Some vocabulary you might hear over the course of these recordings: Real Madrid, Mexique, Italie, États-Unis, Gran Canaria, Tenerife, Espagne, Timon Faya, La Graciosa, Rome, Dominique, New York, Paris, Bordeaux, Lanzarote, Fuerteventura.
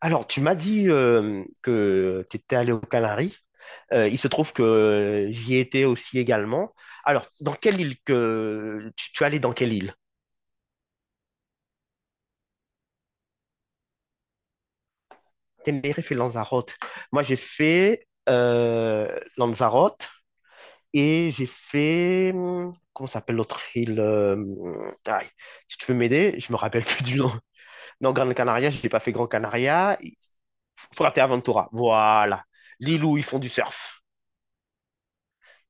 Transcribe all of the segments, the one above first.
Alors, tu m'as dit que tu étais allé aux Canaries. Il se trouve que j'y étais aussi également. Alors, dans quelle île que tu es allé dans quelle île? Tenerife et Lanzarote. Moi, j'ai fait Lanzarote et j'ai fait comment s'appelle l'autre île? Aïe, si tu veux m'aider, je me rappelle plus du nom. Non, Gran Canaria, je n'ai pas fait Gran Canaria. Fuerteventura. Voilà, l'île où ils font du surf.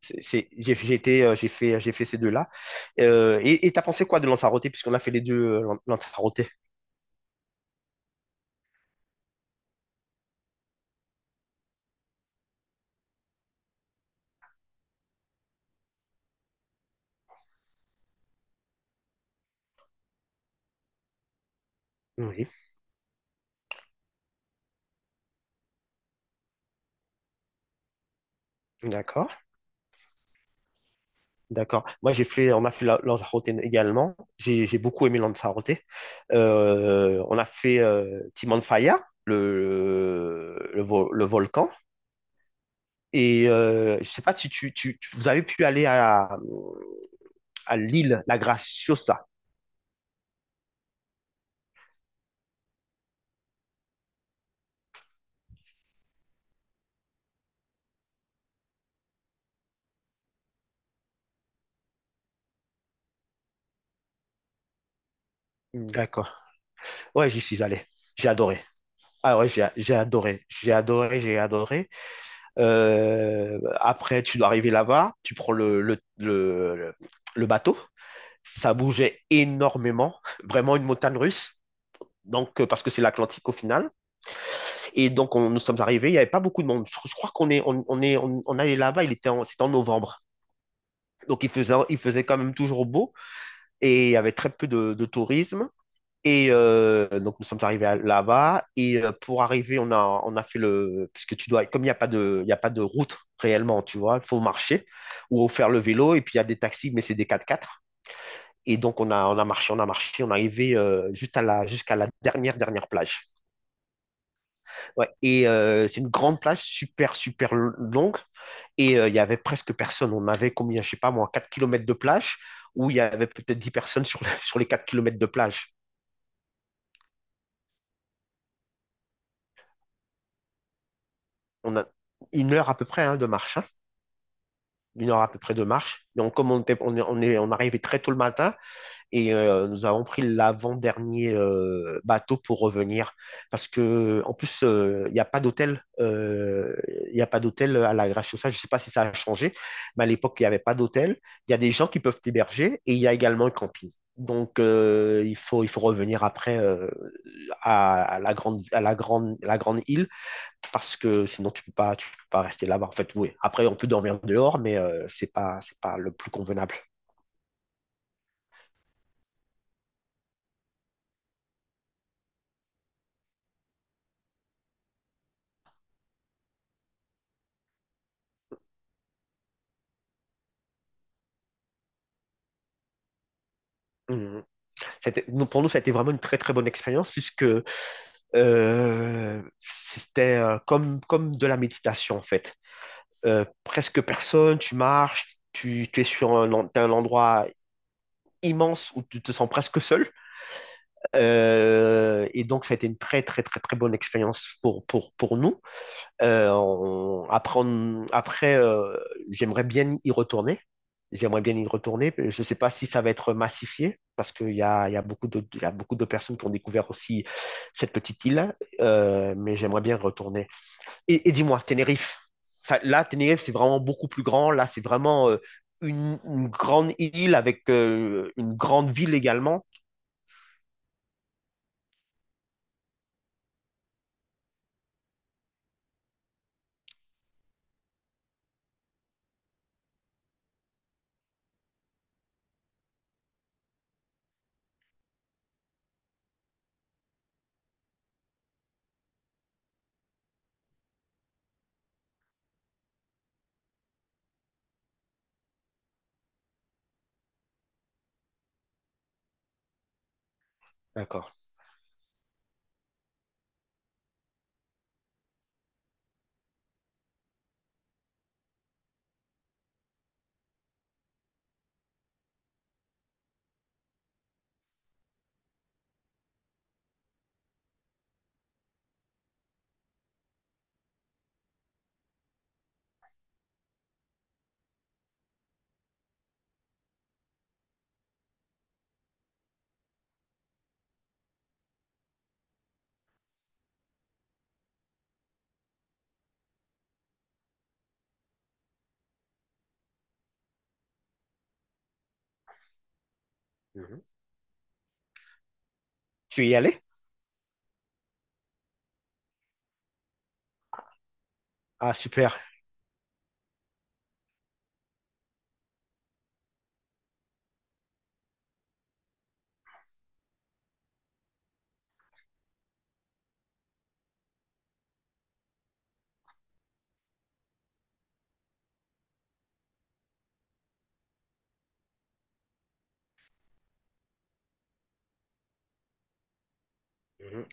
J'ai été, j'ai fait ces deux-là. Et t'as pensé quoi de Lanzarote, puisqu'on a fait les deux Lanzarote? Oui, d'accord, d'accord. Moi, on a fait Lanzarote également. J'ai beaucoup aimé Lanzarote. On a fait Timon Faya, le volcan. Et je sais pas si vous avez pu aller à l'île La Graciosa. D'accord. Ouais, j'y suis allé. J'ai adoré. Ah ouais, j'ai adoré. J'ai adoré. Après, tu dois arriver là-bas, tu prends le bateau. Ça bougeait énormément, vraiment une montagne russe. Donc, parce que c'est l'Atlantique au final. Et donc, nous sommes arrivés, il n'y avait pas beaucoup de monde. Je crois qu'on on allait là-bas, c'était en novembre. Donc, il faisait quand même toujours beau et il y avait très peu de tourisme. Et donc, nous sommes arrivés là-bas. Et pour arriver, on a fait le. Parce que tu dois. Comme il y a pas de route réellement, tu vois, il faut marcher ou faire le vélo. Et puis, il y a des taxis, mais c'est des 4x4. Et donc, on a marché, on a marché. On est arrivé juste jusqu'à la dernière, dernière plage. Ouais. Et c'est une grande plage, super, super longue. Et il y avait presque personne. On avait combien, je sais pas moi, 4 kilomètres de plage, où il y avait peut-être 10 personnes sur, sur les 4 kilomètres de plage. On a une heure à peu près hein, de marche. Hein. Une heure à peu près de marche. Donc, comme on arrivait très tôt le matin et nous avons pris l'avant-dernier bateau pour revenir. Parce que, en plus, il n'y a pas d'hôtel. Il n'y a pas d'hôtel à la Graciosa. Je ne sais pas si ça a changé, mais à l'époque, il n'y avait pas d'hôtel. Il y a des gens qui peuvent héberger et il y a également un camping. Donc, il faut revenir après à, la grande île parce que sinon tu peux pas rester là-bas. En fait, oui. Après, on peut dormir dehors, mais c'est pas le plus convenable. Mhm. Pour nous, ça a été vraiment une très très bonne expérience puisque c'était comme, comme de la méditation en fait. Presque personne, tu marches, tu es sur un, t'as un endroit immense où tu te sens presque seul. Et donc, ça a été une très très très très bonne expérience pour nous. Après, j'aimerais bien y retourner. J'aimerais bien y retourner. Je ne sais pas si ça va être massifié, parce qu'il y a beaucoup de, il y a beaucoup de personnes qui ont découvert aussi cette petite île, mais j'aimerais bien y retourner. Et dis-moi, Tenerife. Tenerife, c'est vraiment beaucoup plus grand. Là, c'est vraiment une grande île avec une grande ville également. D'accord. Mhm. Tu es y allé? Ah, super. Mhm.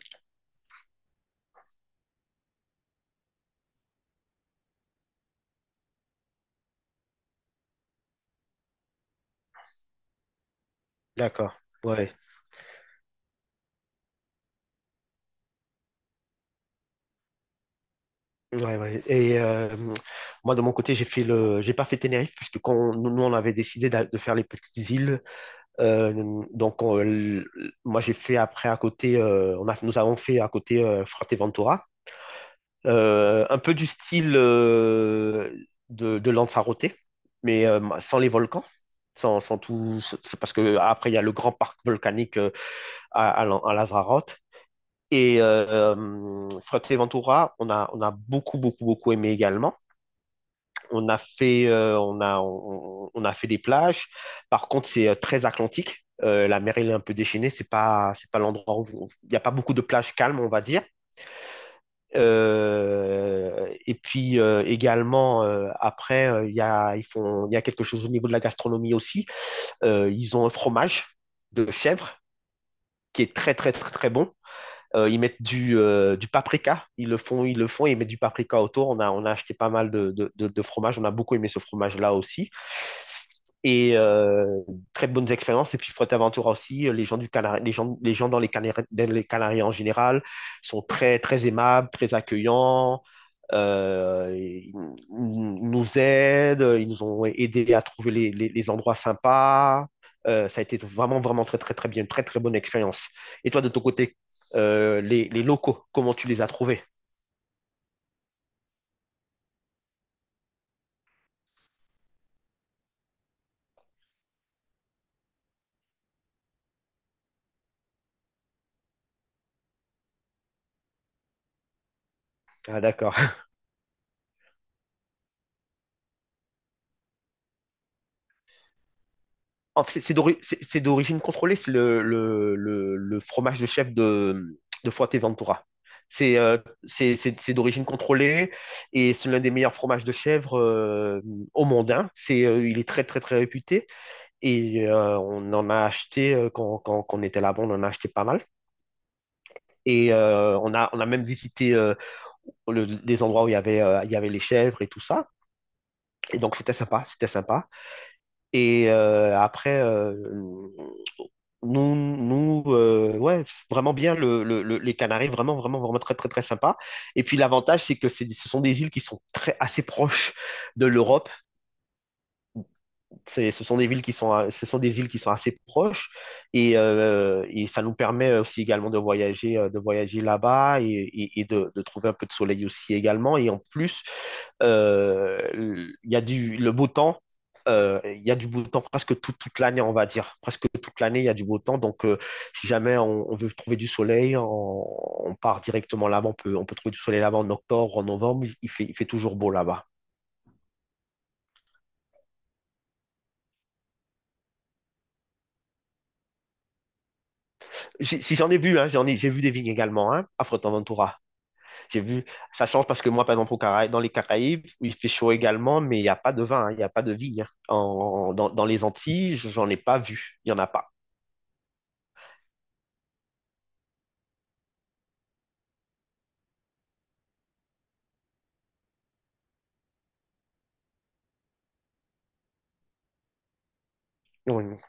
D'accord. Ouais. Ouais, ouais. Et moi, de mon côté, j'ai fait le... j'ai pas fait Tenerife, puisque quand nous, on avait décidé de faire les petites îles, donc moi, j'ai fait après à côté, nous avons fait à côté Fuerteventura, un peu du style de Lanzarote, mais sans les volcans, sans tout. C'est parce que après, il y a le grand parc volcanique à Lanzarote. Fuerteventura, on a beaucoup, beaucoup, beaucoup aimé également. On a fait des plages. Par contre, c'est très atlantique. La mer, elle est un peu déchaînée. C'est pas l'endroit où il n'y a pas beaucoup de plages calmes, on va dire. Et puis également, ils font, il y a quelque chose au niveau de la gastronomie aussi. Ils ont un fromage de chèvre qui est très, très, très, très bon. Ils mettent du paprika, ils le font, ils mettent du paprika autour. On a acheté pas mal de fromage, on a beaucoup aimé ce fromage-là aussi. Et très bonnes expériences. Et puis Fuerteventura aussi, les gens dans les Canaries en général sont très, très aimables, très accueillants. Euh, ils ils nous aident, ils nous ont aidés à trouver les endroits sympas. Ça a été vraiment, vraiment très, très, très bien, une très, très bonne expérience. Et toi, de ton côté, locaux, comment tu les as trouvés. Ah, d'accord. En fait, c'est d'origine contrôlée, c'est le fromage de chef de Fuerteventura. C'est euh, c'est d'origine contrôlée et c'est l'un des meilleurs fromages de chèvre au monde. Hein. C'est, il est très, très, très réputé et on en a acheté, quand on était là-bas, on en a acheté pas mal. Et on a même visité des endroits où il y avait les chèvres et tout ça. Et donc, c'était sympa, c'était sympa. Et après, nous ouais, vraiment bien, les Canaries, vraiment, vraiment, vraiment très, très, très sympa. Et puis l'avantage, c'est que ce sont des îles qui sont très, assez proches de l'Europe. C'est, ce sont des villes qui sont, ce sont des îles qui sont assez proches et ça nous permet aussi également de voyager là-bas et de trouver un peu de soleil aussi également. Et en plus, il y a du, le beau temps. Il y a du beau temps presque toute l'année, on va dire. Presque toute l'année, il y a du beau temps. Donc, si jamais on veut trouver du soleil, on part directement là-bas. On peut trouver du soleil là-bas en octobre, en novembre. Il fait toujours beau là-bas. Si j'en ai vu, hein, j'ai vu des vignes également hein, à Fuerteventura. J'ai vu, ça change parce que moi, par exemple, dans les Caraïbes, où il fait chaud également, mais il n'y a pas de vin, hein, il n'y a pas de vigne. Hein. Dans les Antilles, j'en ai pas vu, il n'y en a pas. Donc,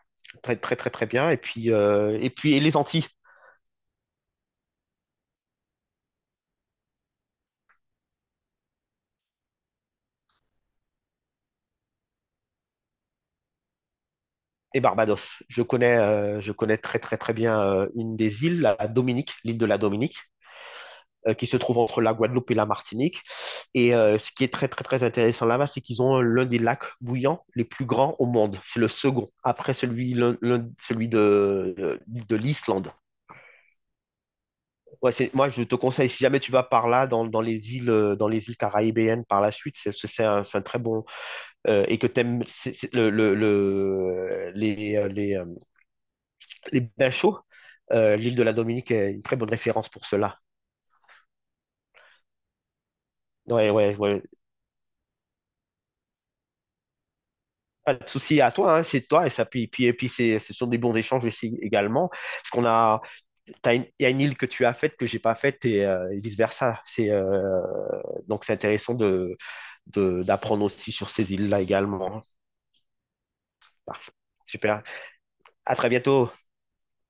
très, très, très, très bien. Et puis, et puis les Antilles et Barbados. Je connais très, très, très bien une des îles, la Dominique, l'île de la Dominique. Qui se trouve entre la Guadeloupe et la Martinique. Et ce qui est très, très, très intéressant là-bas, c'est qu'ils ont l'un des lacs bouillants les plus grands au monde. C'est le second, après celui, celui de l'Islande. Ouais, moi, je te conseille, si jamais tu vas par là, dans les îles caraïbéennes par la suite, c'est un très bon. Et que tu aimes le, le- le- les, euh, les, euh, les bains chauds, l'île de la Dominique est une très bonne référence pour cela. Ouais, ouais, ouais. Pas de souci à toi, hein, c'est toi. Et puis ce sont des bons échanges aussi également. Il y a une île que tu as faite que j'ai pas faite et vice-versa. Donc c'est intéressant de, d'apprendre aussi sur ces îles-là également. Parfait. Super. À très bientôt.